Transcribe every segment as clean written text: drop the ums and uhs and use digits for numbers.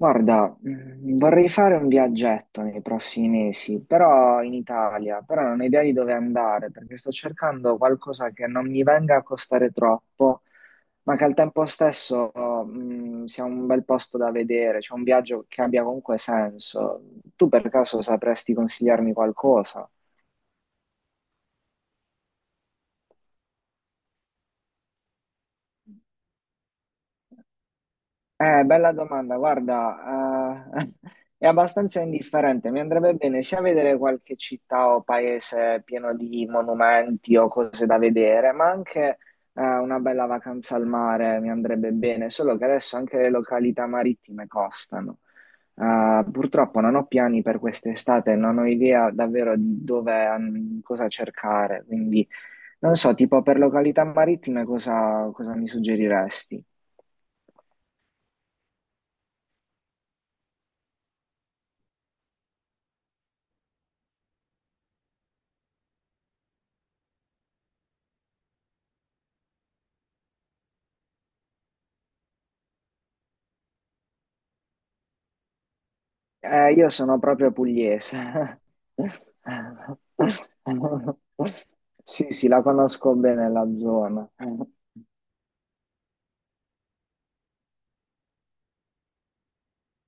Guarda, vorrei fare un viaggetto nei prossimi mesi, però in Italia, però non ho idea di dove andare, perché sto cercando qualcosa che non mi venga a costare troppo, ma che al tempo stesso, sia un bel posto da vedere, cioè un viaggio che abbia comunque senso. Tu per caso sapresti consigliarmi qualcosa? Bella domanda, guarda, è abbastanza indifferente, mi andrebbe bene sia vedere qualche città o paese pieno di monumenti o cose da vedere, ma anche una bella vacanza al mare mi andrebbe bene, solo che adesso anche le località marittime costano. Purtroppo non ho piani per quest'estate, non ho idea davvero di dove, cosa cercare, quindi non so, tipo per località marittime cosa mi suggeriresti? Io sono proprio pugliese. Sì, sì, la conosco bene la zona.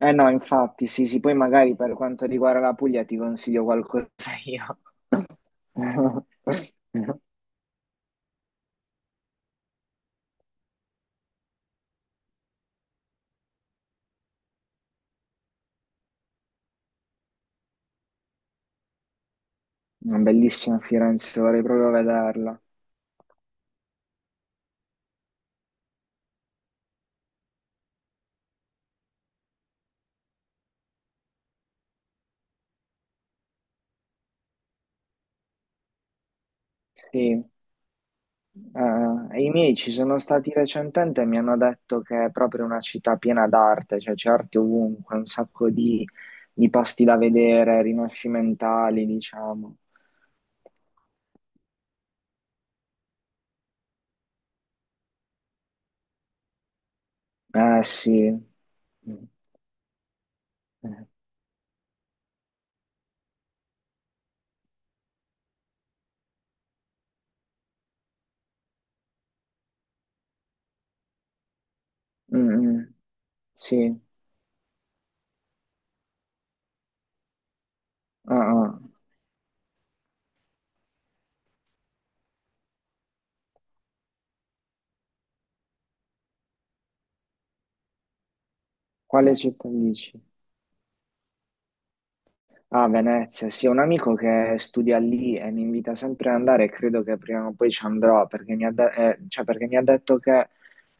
Eh no, infatti, sì, sì, poi magari per quanto riguarda la Puglia ti consiglio qualcosa io. Una Bellissima Firenze, vorrei proprio vederla. Sì, i miei ci sono stati recentemente e mi hanno detto che è proprio una città piena d'arte, cioè c'è arte ovunque, un sacco di posti da vedere, rinascimentali, diciamo. Eh sì. Mm, mm, mm, sì. Ah, ah. Quale città dici? Ah, Venezia, sì, ho un amico che studia lì e mi invita sempre ad andare e credo che prima o poi ci andrò perché mi ha, cioè, perché mi ha detto che,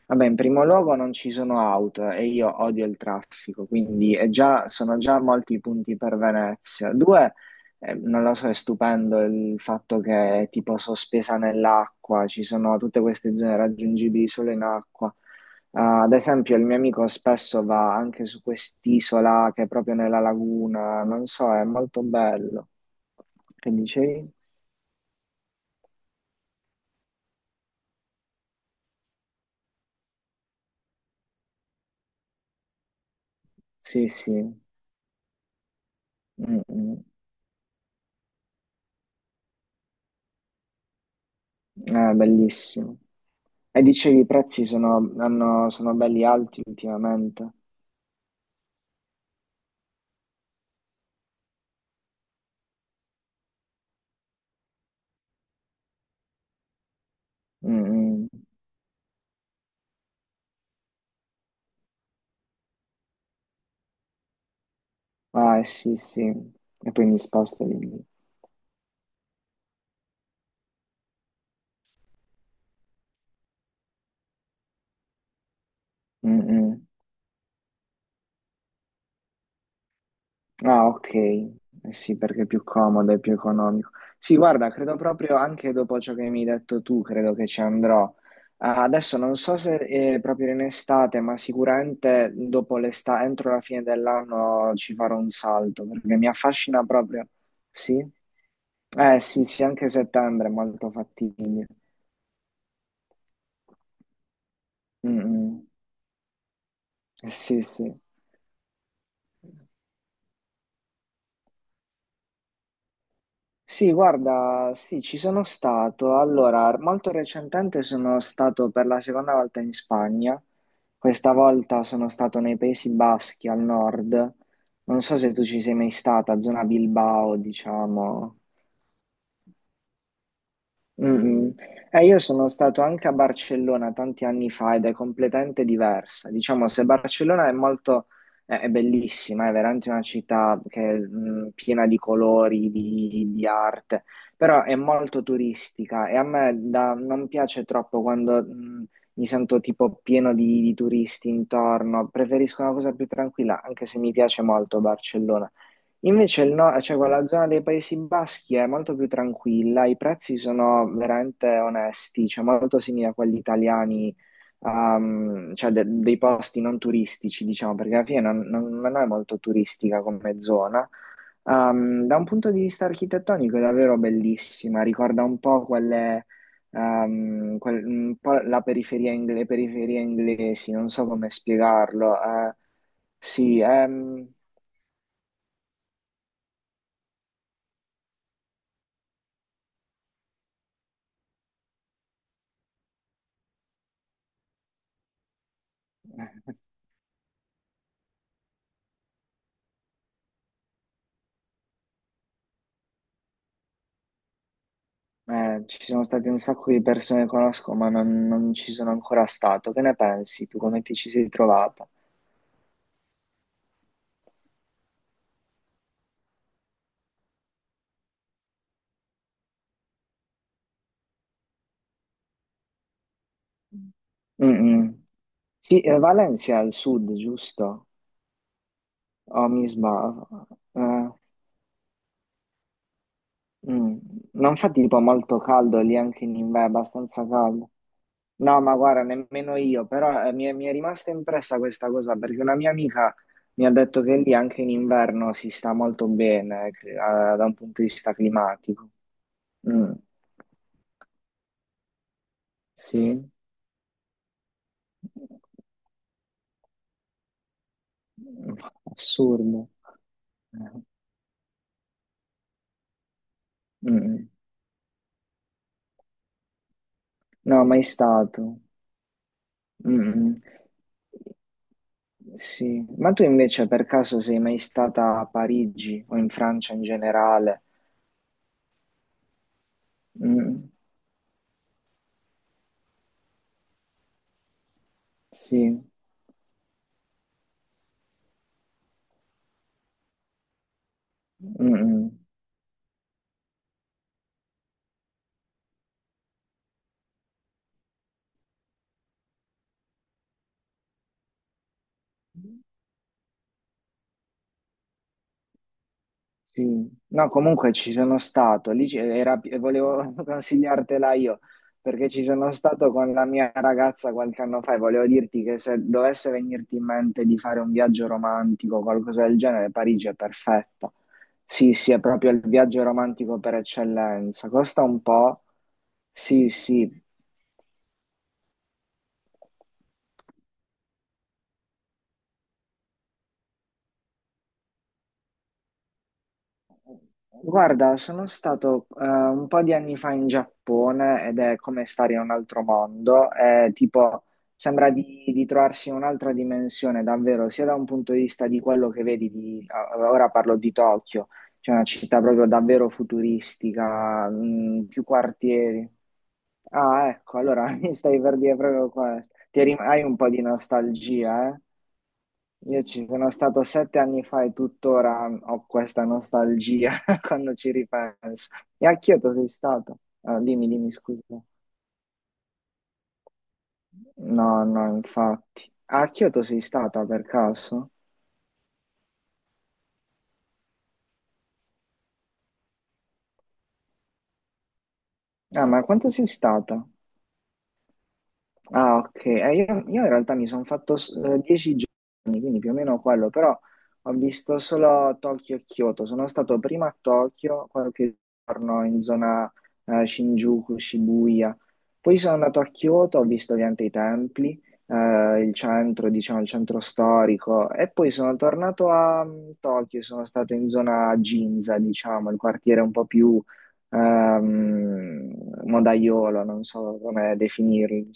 vabbè, in primo luogo non ci sono auto e io odio il traffico, quindi è già- sono già molti i punti per Venezia. Due, non lo so, è stupendo il fatto che è tipo sospesa nell'acqua, ci sono tutte queste zone raggiungibili solo in acqua. Ah, ad esempio, il mio amico spesso va anche su quest'isola che è proprio nella laguna, non so, è molto bello. Che dicevi? Sì, sì, mm, mm. È bellissimo. E dicevi, i prezzi sono belli alti ultimamente. Mm, mm. Ah, sì, sì. E poi mi sposto di lì. Mm, mm. Ah, ok, eh sì, perché è più comodo, è più economico. Sì, guarda, credo proprio anche dopo ciò che mi hai detto tu, credo che ci andrò. Ah, adesso non so se proprio in estate, ma sicuramente dopo l'estate, entro la fine dell'anno ci farò un salto, perché mi affascina proprio. Sì? Eh sì, sì, anche settembre è molto fattibile. Mm, mm. Sì, sì. Sì, guarda, sì, ci sono stato. Allora, molto recentemente sono stato per la seconda volta in Spagna. Questa volta sono stato nei Paesi Baschi al nord. Non so se tu ci sei mai stata, zona Bilbao, diciamo. Mm, mm. Io sono stato anche a Barcellona tanti anni fa ed è completamente diversa. Diciamo, se Barcellona è molto, è bellissima, è veramente una città che è piena di colori, di arte, però è molto turistica e a me non piace troppo quando mi sento tipo pieno di turisti intorno. Preferisco una cosa più tranquilla, anche se mi piace molto Barcellona. Invece il no- cioè, quella zona dei Paesi Baschi è molto più tranquilla, i prezzi sono veramente onesti, cioè molto simili a quelli italiani, cioè dei posti non turistici, diciamo, perché alla fine non è molto turistica come zona. Da un punto di vista architettonico è davvero bellissima, ricorda un po' quelle, un po' le periferie inglesi, non so come spiegarlo. Sì. Ci sono state un sacco di persone che conosco, ma non ci sono ancora stato. Che ne pensi tu? Come ti ci sei trovata? Mm-mm. Sì, Valencia è al sud, giusto? Oh, mi sbaglio. Eh, mm. Non fa tipo molto caldo lì anche in inverno, è abbastanza caldo. No, ma guarda, nemmeno io, però mi è rimasta impressa questa cosa perché una mia amica mi ha detto che lì anche in inverno si sta molto bene, da un punto di vista climatico. Mm. Sì. Assurdo. Mm. No, mai stato. Mm. Sì, ma tu invece per caso sei mai stata a Parigi o in Francia in generale? Mm. Sì. Mm. Sì, no, comunque ci sono stato, lì era, e volevo consigliartela io, perché ci sono stato con la mia ragazza qualche anno fa e volevo dirti che se dovesse venirti in mente di fare un viaggio romantico o qualcosa del genere, Parigi è perfetta. Sì, sì, è proprio il viaggio romantico per eccellenza. Costa un po', sì, sì. Guarda, sono stato un po' di anni fa in Giappone ed è come stare in un altro mondo, è tipo sembra di trovarsi in un'altra dimensione davvero, sia da un punto di vista di quello che vedi, ah, ora parlo di Tokyo, cioè una città proprio davvero futuristica, più quartieri. Ah, ecco, allora mi stai per dire proprio questo. Hai un po' di nostalgia, eh? Io ci sono stato 7 anni fa e tuttora ho questa nostalgia quando ci ripenso. E a Kyoto sei stato? Ah, dimmi, dimmi, scusa. No, no, infatti. A Kyoto sei stata per caso? Ah, ma quanto sei stata? Ah, ok. Io in realtà mi sono fatto 10 giorni, quindi più o meno quello, però ho visto solo Tokyo e Kyoto. Sono stato prima a Tokyo, qualche giorno in zona Shinjuku, Shibuya. Poi sono andato a Kyoto, ho visto ovviamente i templi, il centro, diciamo, il centro storico. E poi sono tornato a Tokyo, sono stato in zona Ginza, diciamo, il quartiere un po' più ehm, modaiolo, non so come definirlo.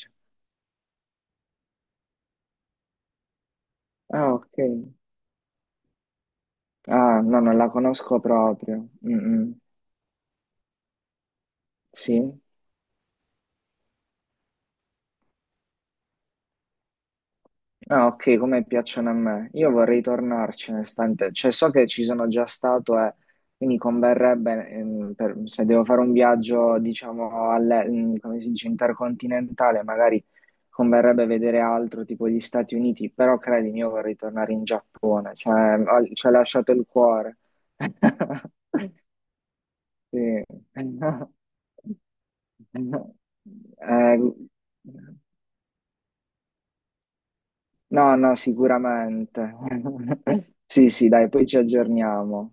Ah, ok. Ah, no, non la conosco proprio. Mm, mm. Sì. Ah, ok, come piacciono a me. Io vorrei tornarci un istante. Cioè, so che ci sono già stato e quindi converrebbe, se devo fare un viaggio, diciamo, come si dice, intercontinentale, magari converrebbe vedere altro, tipo gli Stati Uniti, però credimi, io vorrei tornare in Giappone. Cioè, ci ha lasciato il cuore. Sì. Eh, no, no, sicuramente. Sì, sì, dai, poi ci aggiorniamo.